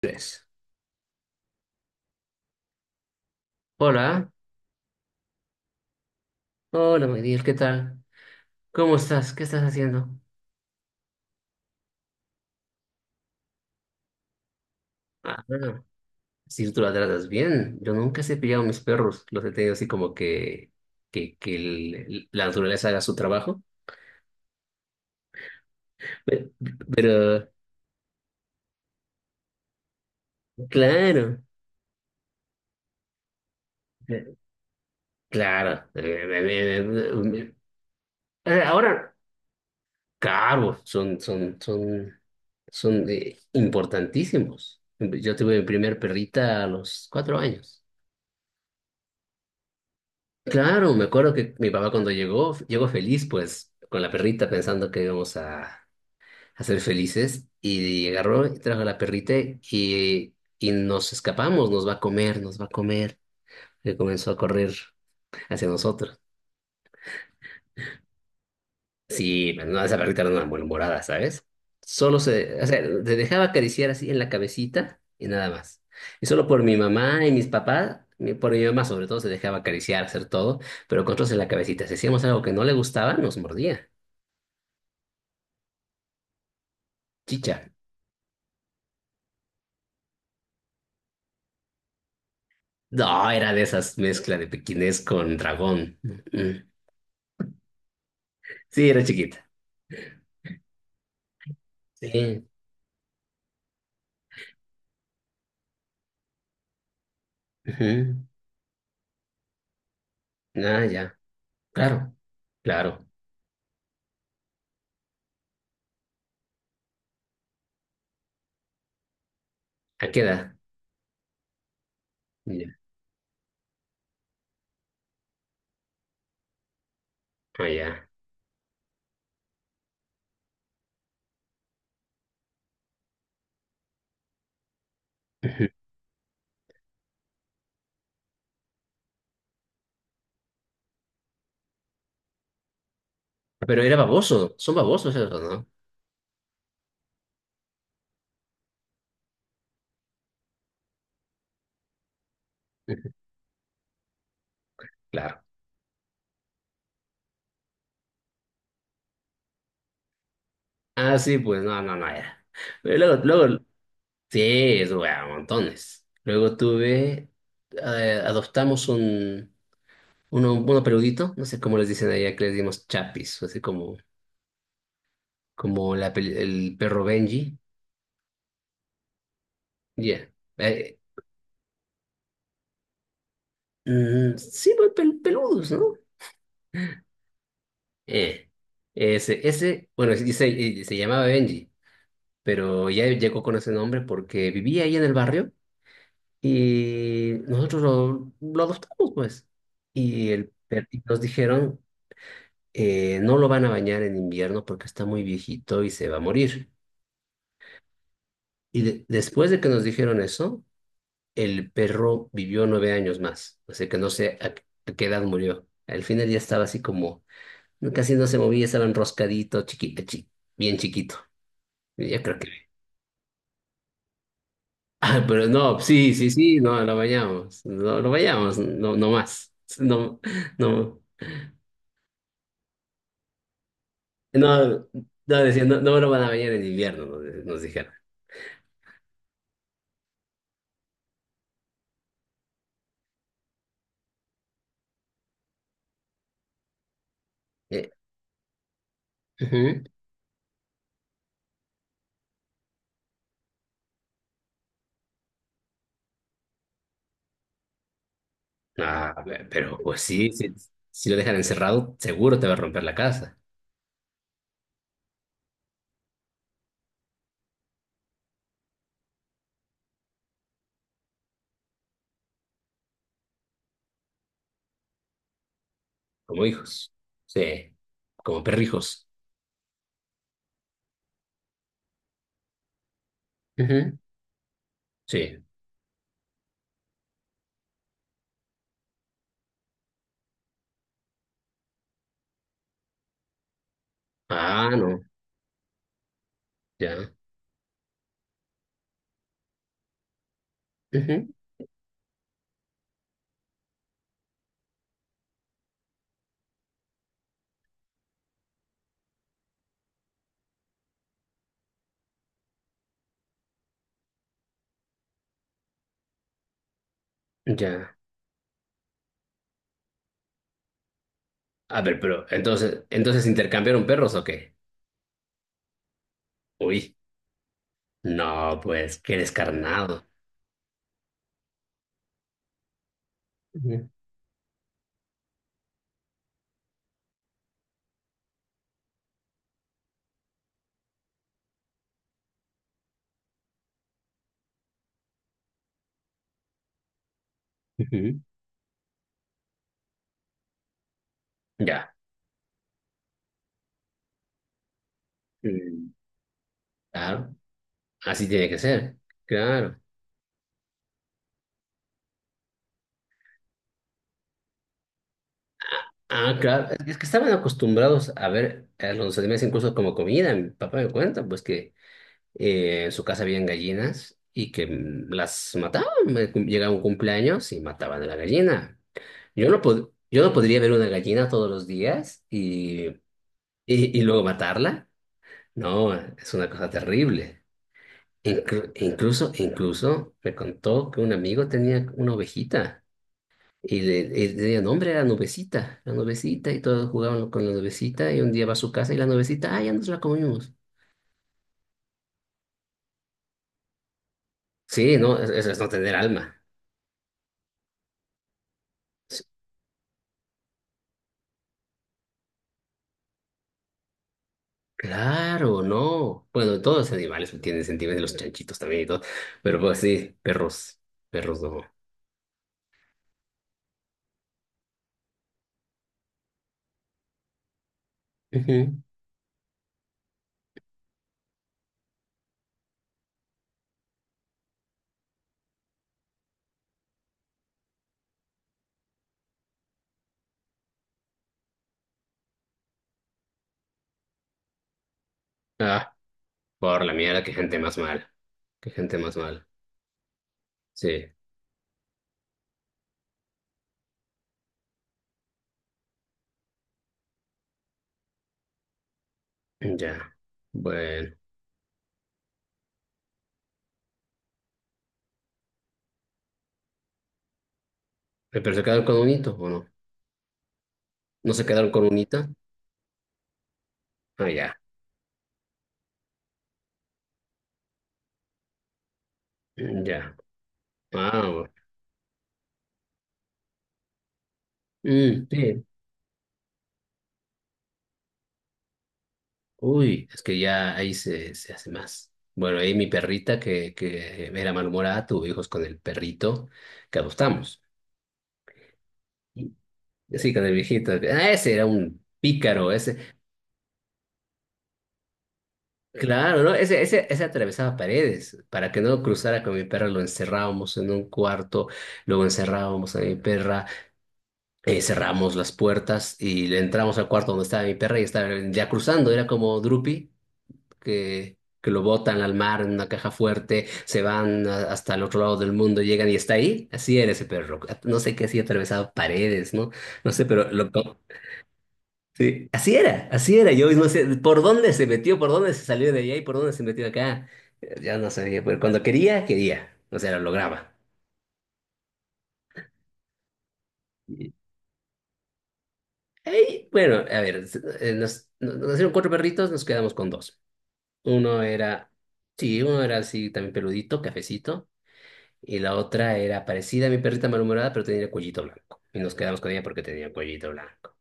Tres. Hola, hola Miguel, ¿qué tal? ¿Cómo estás? ¿Qué estás haciendo? Ah, bueno, si tú la tratas bien, yo nunca he cepillado a mis perros, los he tenido así como que, que la naturaleza haga su trabajo. Pero, pero, claro, eh, claro, eh, eh, ahora, claro, son importantísimos. Yo tuve mi primer perrita a los 4 años. Claro, me acuerdo que mi papá cuando llegó, llegó feliz, pues, con la perrita pensando que íbamos a ser felices, y agarró y trajo a la perrita y nos escapamos, nos va a comer, nos va a comer, que comenzó a correr hacia nosotros. Sí, pero no, esa perrita era una malhumorada, ¿sabes? Solo o sea, te dejaba acariciar así en la cabecita y nada más. Y solo por mi mamá y mis papás, por mi mamá sobre todo, se dejaba acariciar, hacer todo, pero con otros en la cabecita. Si hacíamos algo que no le gustaba, nos mordía. Chicha. No, era de esas mezclas de pequinés con dragón. Mm. Sí, era chiquita. Sí. Ujú. Ah, ya. Claro, claro. ¿A qué edad? Ya. Ah, ya. Ujú. Pero era baboso. Son babosos esos, ¿no? Ujú. Claro. Ah, sí, pues no, no, no era. Pero sí, eso, bueno, montones. Luego tuve, adoptamos uno peludito, no sé cómo les dicen allá, que les dimos chapis, así como la el perro Benji. Ya. Eh, sí, pues peludos, ¿no? Eh, bueno, sí, se llamaba Benji, pero ya llegó con ese nombre porque vivía ahí en el barrio y nosotros lo adoptamos, pues. Y nos dijeron, no lo van a bañar en invierno porque está muy viejito y se va a morir. Y después de que nos dijeron eso, el perro vivió 9 años más. Así que no sé a qué edad murió. Al final ya estaba así como casi no se movía, estaba enroscadito, chiquito, bien chiquito. Y yo creo que. Ah, pero no, sí, sí, sí, no, lo bañamos. No, lo bañamos, no, no más. No, no, no, no, decía, no, no me lo van a bañar en invierno, nos dijeron. Eh, Ujú. Ah, pero pues sí, sí, si lo dejan encerrado, seguro te va a romper la casa, como hijos. Sí, como perrijos. Ujú, sí. Ah, no, ya. Ujú, ya. A ver, ¿pero entonces intercambiaron perros o qué? Uy, no, pues qué descarnado. Ujú. Ujú. Ya, mm. Claro, así tiene que ser. Claro. Ah, claro, es que estaban acostumbrados a ver a los animales incluso como comida. Mi papá me cuenta, pues que en su casa habían gallinas y que las mataban. Me llegaba un cumpleaños y mataban a la gallina. Yo no podría ver una gallina todos los días y luego matarla. No, es una cosa terrible. Incluso, me contó que un amigo tenía una ovejita y le tenía nombre, era Nubecita, la Nubecita, y todos jugaban con la Nubecita y un día va a su casa y la Nubecita, ah, ya nos la comimos. Sí, no, es- eso es no tener alma. S- Claro, no. Bueno, todos los animales tienen sentimientos, los chanchitos también y todo, pero pues sí, perros, perros no. Ujú. Ah, por la mierda, qué gente más mal, qué gente más mal. Sí. Ya, bueno. ¿Pero se quedaron con un hito o no? ¿No se quedaron con un hito? Ah, ya. Mm, ya. Ah, bueno. Mm, sí. Uy, es que ya ahí se hace más. Bueno, ahí mi perrita que era malhumorada tuvo hijos con el perrito que adoptamos. Y- Sí, con el viejito. Ah, ese era un pícaro, ese. Claro, ¿no? Ese atravesaba paredes. Para que no cruzara con mi perra, lo encerrábamos en un cuarto, luego encerrábamos a mi perra. Cerramos las puertas y le entramos al cuarto donde estaba mi perra y estaba ya cruzando. Era como Drupi, que lo botan al mar en una caja fuerte, se van hasta el otro lado del mundo, llegan y está ahí. Así era ese perro. No sé qué hacía, atravesaba paredes, ¿no? No sé, pero lo... Sí, así era, así era. Yo no sé por dónde se metió, por dónde se salió de allá y por dónde se metió acá. Ya no sabía, pero cuando quería, quería. O sea, lo lograba. Y- Ey, bueno, a ver, nos hicieron 4 perritos, nos quedamos con dos. Uno era, sí, uno era así también peludito, cafecito, y la otra era parecida a mi perrita malhumorada, pero tenía el cuellito blanco. Y nos quedamos con ella porque tenía el cuellito blanco.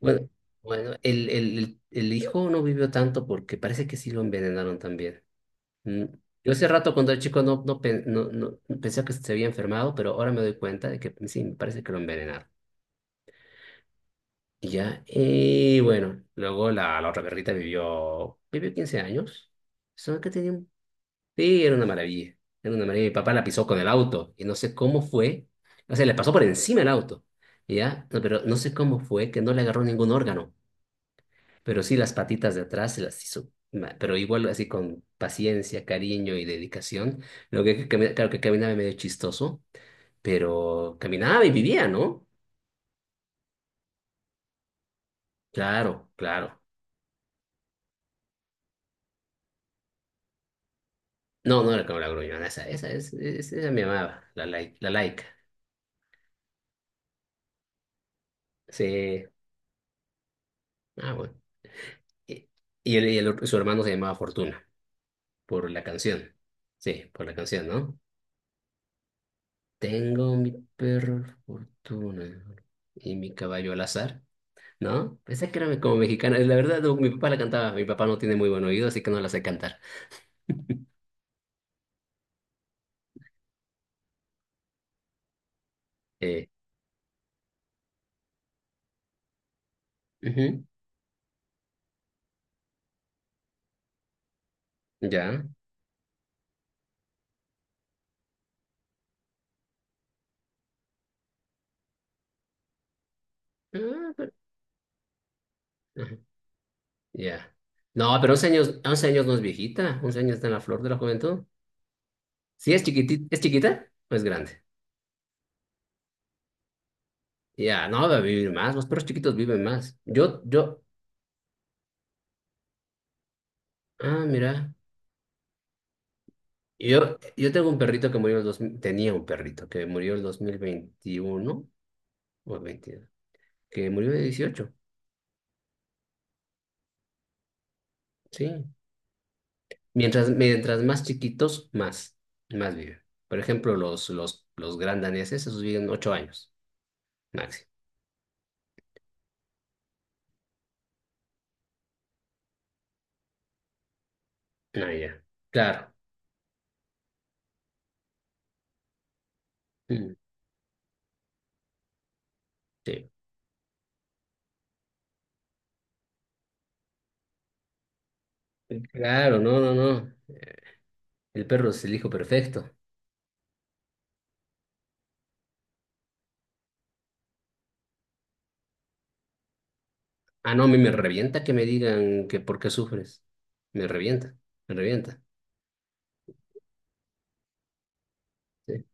Bueno, bueno, el hijo no vivió tanto porque parece que sí lo envenenaron también. Mm. Yo hace rato cuando era chico no pensé que se había enfermado, pero ahora me doy cuenta de que sí, me parece que lo envenenaron. Y ya, y bueno, luego la otra perrita vivió, vivió 15 años. Solo que tenía. Sí, era una maravilla. Era una maravilla. Mi papá la pisó con el auto y no sé cómo fue. O sea, le pasó por encima el auto. ¿Ya? No, pero no sé cómo fue que no le agarró ningún órgano. Pero sí las patitas de atrás se las hizo. Pero igual así con paciencia, cariño y dedicación. Claro que caminaba medio chistoso, pero caminaba y vivía, ¿no? Claro, claro. No, no era como la gruñona, esa me amaba, la laica. Sí. Ah, bueno. Y, su hermano se llamaba Fortuna. Por la canción. Sí, por la canción, ¿no? Tengo mi perro fortuna y mi caballo al azar, ¿no? Pensé que era como mexicana. La verdad, no, mi papá la cantaba. Mi papá no tiene muy buen oído, así que no la sé cantar. Eh, Ujú, ya. Ah, ajá, ya. No, pero 11 años, 11 años no es viejita. 11 años está en la flor de la juventud. Sí, es chiquitita. ¿Es chiquita? ¿O es grande? Ya, no, va a vivir más. Los perros chiquitos viven más. Yo. Ah, mira. Y yo tengo un perrito que murió en el 2000, tenía un perrito que murió en el 2021 o 2022 que murió de 18 sí. Mientras más chiquitos, más viven. Por ejemplo, los gran daneses, esos viven 8 años, máximo. Ah, ya. Claro. Mm, sí. Claro, no, no, no. El perro es el hijo perfecto. Ah, no, me revienta que me digan que por qué sufres. Me revienta, me revienta. Sí.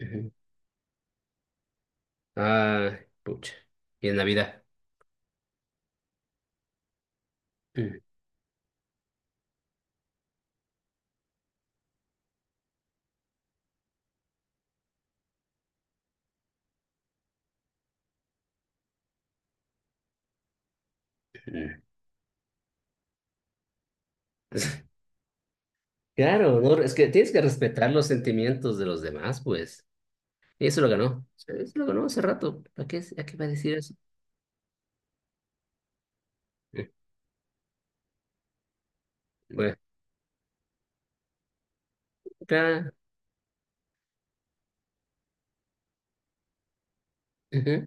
Ujú. Ah, pucha. Y en Navidad. Ujú. Claro, no, es que tienes que respetar los sentimientos de los demás, pues. Y eso lo ganó. Eso lo ganó hace rato. ¿Para qué, a qué va a decir eso? Eh, Bueno, claro. Ujú.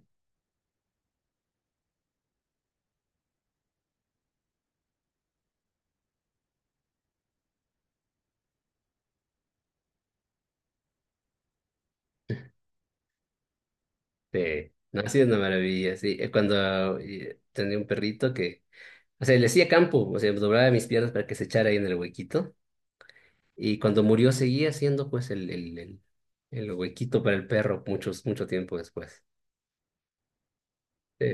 Sí. No, ha sido una maravilla, sí. Cuando tenía un perrito que, o sea, le hacía campo, o sea, doblaba mis piernas para que se echara ahí en el huequito. Y cuando murió seguía haciendo pues el huequito para el perro mucho tiempo después. Sí,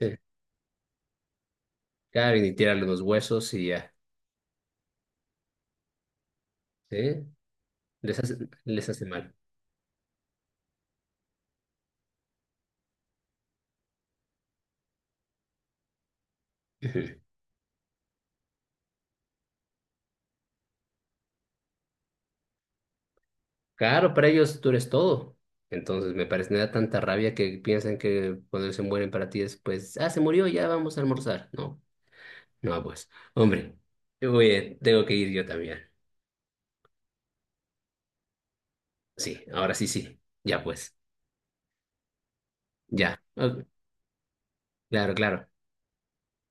sí. Claro, y tirarle los huesos y ya. Sí, les hace, les hace mal. Ujú. Claro, para ellos tú eres todo. Entonces me parece, me da tanta rabia que piensan que cuando se mueren para ti es pues, ah, se murió, ya vamos a almorzar. No, no, pues, hombre, yo voy, tengo que ir yo también. Sí, ahora sí, sí, ya pues, ya. Ok, claro, claro.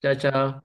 Chao, chao.